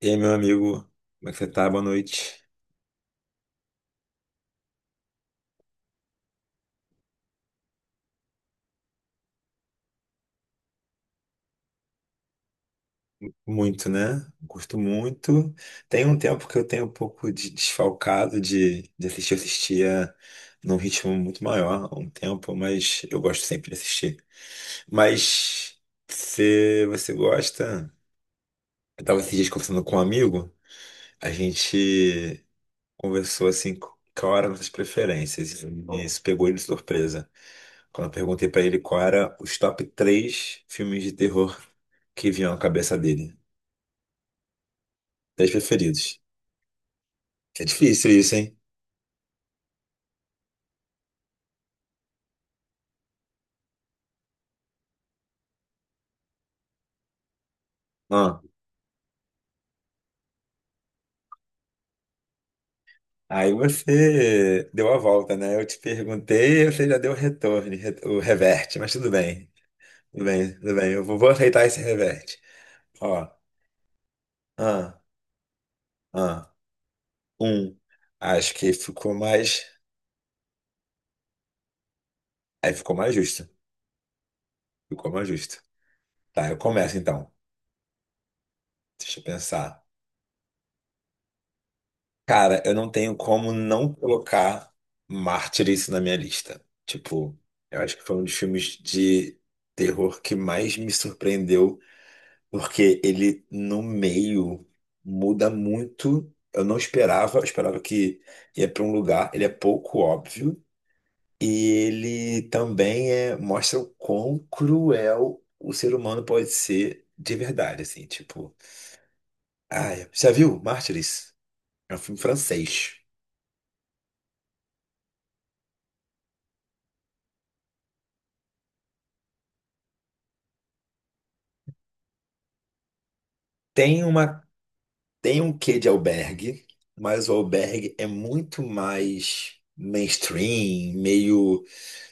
E aí, meu amigo, como é que você tá? Boa noite. Muito, né? Gosto muito. Tem um tempo que eu tenho um pouco de desfalcado de assistir. Eu assistia num ritmo muito maior há um tempo, mas eu gosto sempre de assistir. Mas se você gosta, eu tava esses dias conversando com um amigo, a gente conversou assim, qual era nossas preferências. E isso pegou ele de surpresa. Quando eu perguntei pra ele qual era os top três filmes de terror que vinham à cabeça dele. Dez preferidos. É difícil isso, hein? Ah, aí você deu a volta, né? Eu te perguntei, você já deu o retorno, o reverte, mas tudo bem. Tudo bem. Eu vou aceitar esse reverte. Ó, ah, ah, um. Acho que ficou mais. Aí ficou mais justo. Ficou mais justo. Tá, eu começo então. Deixa eu pensar. Cara, eu não tenho como não colocar Mártires na minha lista. Tipo, eu acho que foi um dos filmes de terror que mais me surpreendeu, porque ele no meio muda muito. Eu não esperava, eu esperava que ia pra um lugar, ele é pouco óbvio, e ele também é, mostra o quão cruel o ser humano pode ser de verdade, assim, tipo, ai, já viu Mártires? É um filme francês. Tem uma tem um quê de albergue, mas o albergue é muito mais mainstream, meio.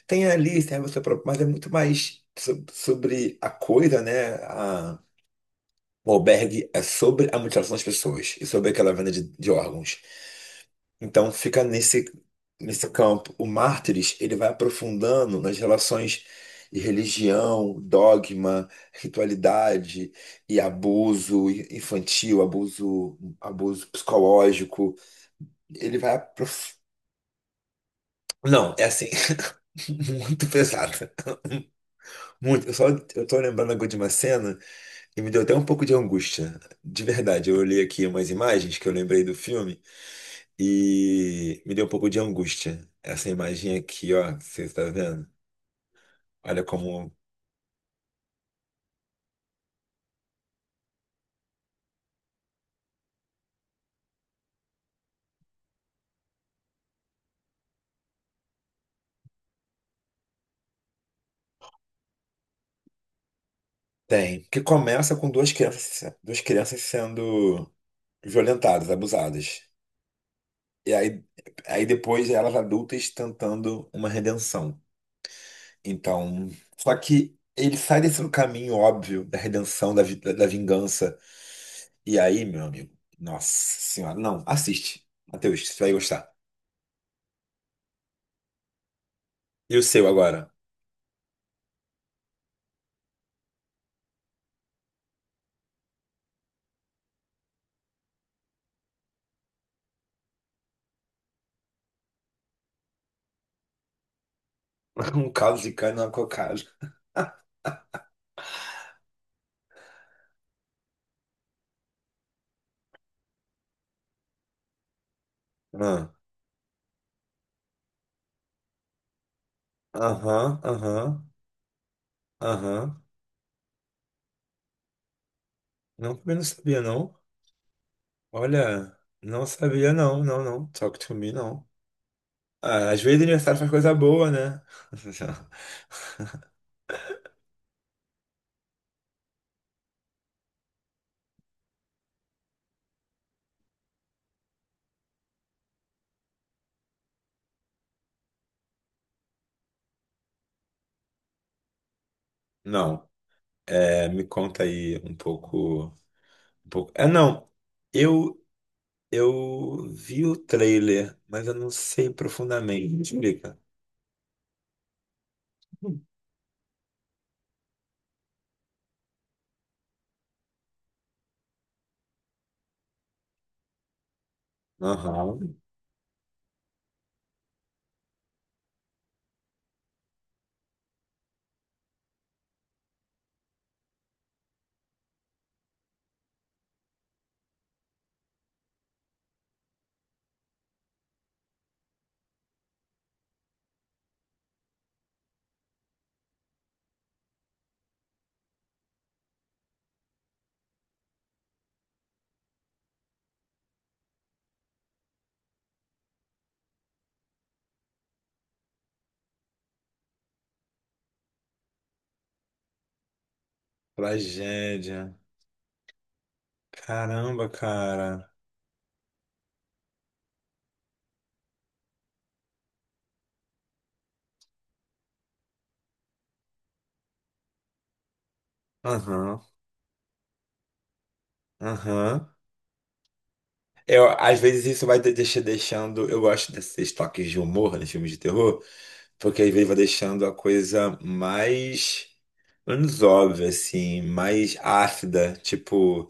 Tem ali, tem você próprio, mas é muito mais sobre a coisa, né? O albergue é sobre a mutilação das pessoas e sobre aquela venda de órgãos. Então fica nesse campo. O Mártires, ele vai aprofundando nas relações de religião, dogma, ritualidade e abuso infantil, abuso psicológico. Ele vai aprof... Não, é assim, muito pesado. Muito. Eu só eu tô lembrando agora de uma cena e me deu até um pouco de angústia. De verdade, eu olhei aqui umas imagens que eu lembrei do filme. E me deu um pouco de angústia. Essa imagem aqui, ó, você tá vendo? Olha como tem. Que começa com duas crianças sendo violentadas, abusadas. E aí, depois elas adultas tentando uma redenção. Então, só que ele sai desse caminho óbvio da redenção, da vingança. E aí, meu amigo, nossa senhora, não, assiste. Matheus, você vai gostar. E o seu agora? Um caso de cana na cocada. Aham, aham, aham. Não, também não sabia, não. Olha, não sabia, não. Talk to me, não. Ah, às vezes aniversário faz coisa boa, né? Não, é, me conta aí um pouco, um pouco. É, não, eu, eu vi o trailer, mas eu não sei profundamente. Me explica. Aham. Tragédia. Caramba, cara. Aham, aham. Eu, às vezes isso vai deixando. Eu gosto desses toques de humor nos filmes de terror, porque às vezes vai deixando a coisa mais. Menos óbvia, assim, mais ácida. Tipo,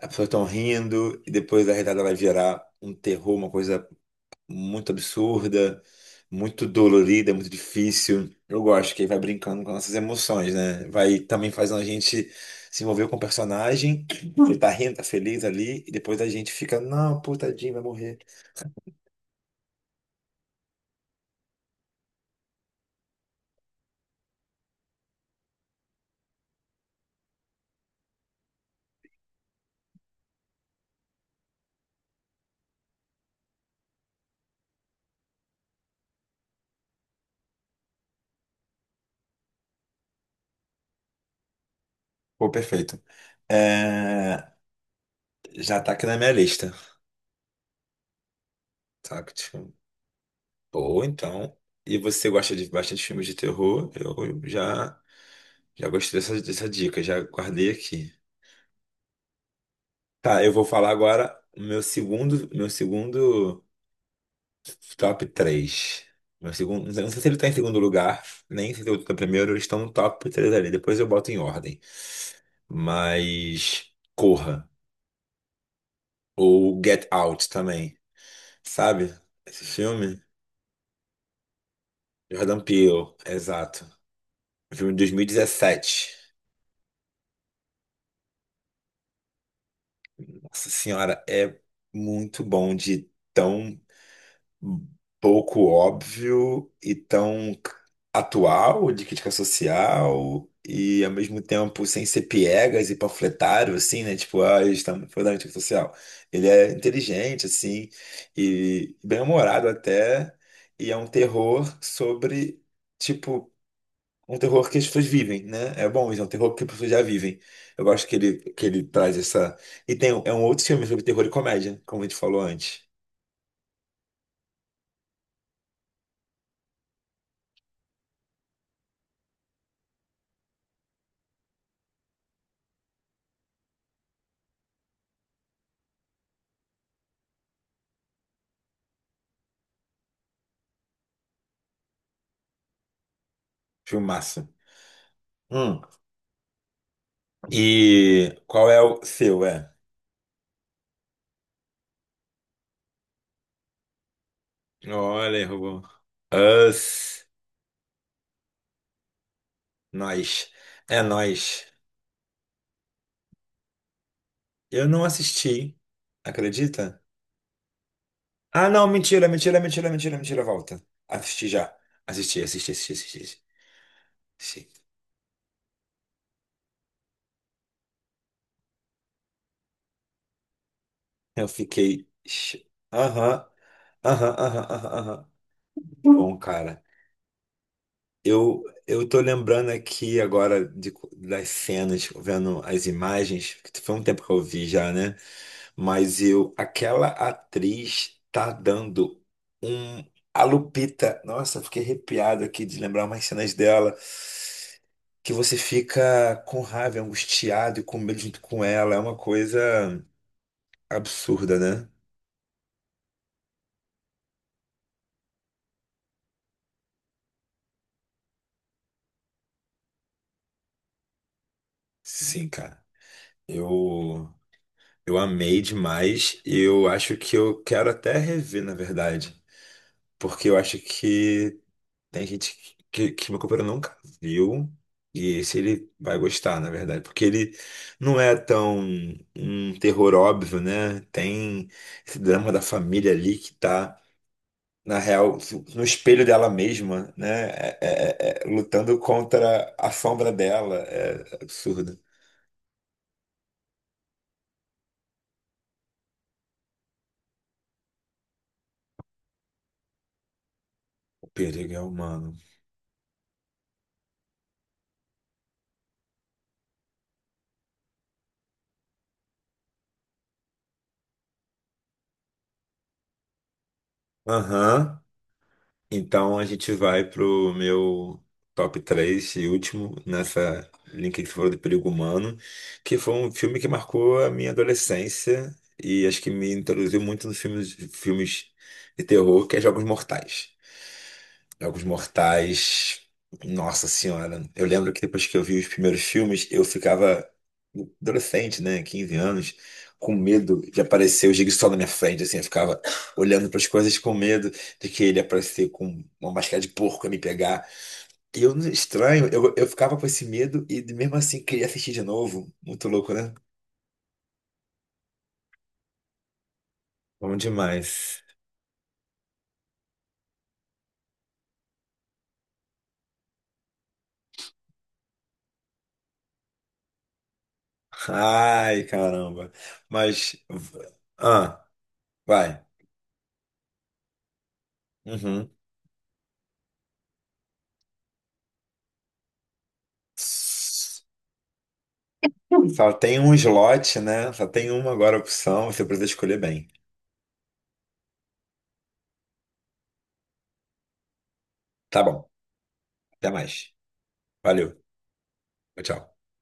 a pessoa tão rindo e depois a risada vai virar um terror, uma coisa muito absurda, muito dolorida, muito difícil. Eu gosto que aí vai brincando com nossas emoções, né? Vai também fazendo a gente se envolver com o personagem, ele tá rindo, tá feliz ali, e depois a gente fica, não, pô, tadinho, vai morrer. Pô, perfeito. É, já tá aqui na minha lista, saca? Tipo, pô, então. E você gosta de bastante filmes de terror? Eu já, já gostei dessa dica, já guardei aqui. Tá, eu vou falar agora o meu segundo top 3. Meu segundo, não sei se ele tá em segundo lugar, nem sei se ele tá em primeiro, eles estão no top 3 ali. Depois eu boto em ordem. Mas Corra ou Get Out também. Sabe? Esse filme? Jordan Peele, exato. Um filme de 2017. Nossa Senhora, é muito bom de tão pouco óbvio e tão atual de crítica social e ao mesmo tempo sem ser piegas e panfletário, assim, né? Tipo, ah, eles estão falando de crítica social. Ele é inteligente, assim, e bem-humorado até, e é um terror sobre, tipo, um terror que as pessoas vivem, né? É bom, isso é um terror que as pessoas já vivem. Eu gosto que ele traz essa... E tem, é um outro filme sobre terror e comédia, como a gente falou antes. Filmaço. Hum. E qual é o seu, é? Olha, errou. Us. Nós. É nós. Eu não assisti. Acredita? Ah, não, mentira, mentira, mentira, mentira, mentira, volta. Assisti já. Assisti, assisti, assisti, assisti, assisti. Sim. Eu fiquei. Aham, aham, aham, aham, aham. Bom, cara, eu, eu tô lembrando aqui mas eu, aquela atriz tá dando um. A Lupita, nossa, fiquei arrepiado aqui de lembrar umas cenas dela, que você fica com raiva, angustiado e com medo junto com ela. É uma coisa absurda, né? Sim, cara. Eu, eu amei demais e eu acho que eu quero até rever, na verdade. Porque eu acho que tem gente que meu companheiro nunca viu. E se ele vai gostar, na verdade. Porque ele não é tão um terror óbvio, né? Tem esse drama da família ali que tá, na real, no espelho dela mesma, né? Lutando contra a sombra dela. É absurdo. O perigo é humano. Aham. Então a gente vai pro meu top 3 e último nessa linha que você falou de perigo humano, que foi um filme que marcou a minha adolescência e acho que me introduziu muito nos filmes de terror, que é Jogos Mortais. Jogos Mortais. Nossa Senhora. Eu lembro que depois que eu vi os primeiros filmes, eu ficava adolescente, né? 15 anos, com medo de aparecer o Jigsaw na minha frente, assim. Eu ficava olhando para as coisas com medo de que ele aparecer com uma máscara de porco e me pegar. E eu, estranho, eu ficava com esse medo e mesmo assim queria assistir de novo. Muito louco, né? Bom demais. Ai, caramba. Mas. Ah, vai. Uhum. Só tem um slot, né? Só tem uma agora opção, você precisa escolher bem. Tá bom, até mais. Valeu, tchau.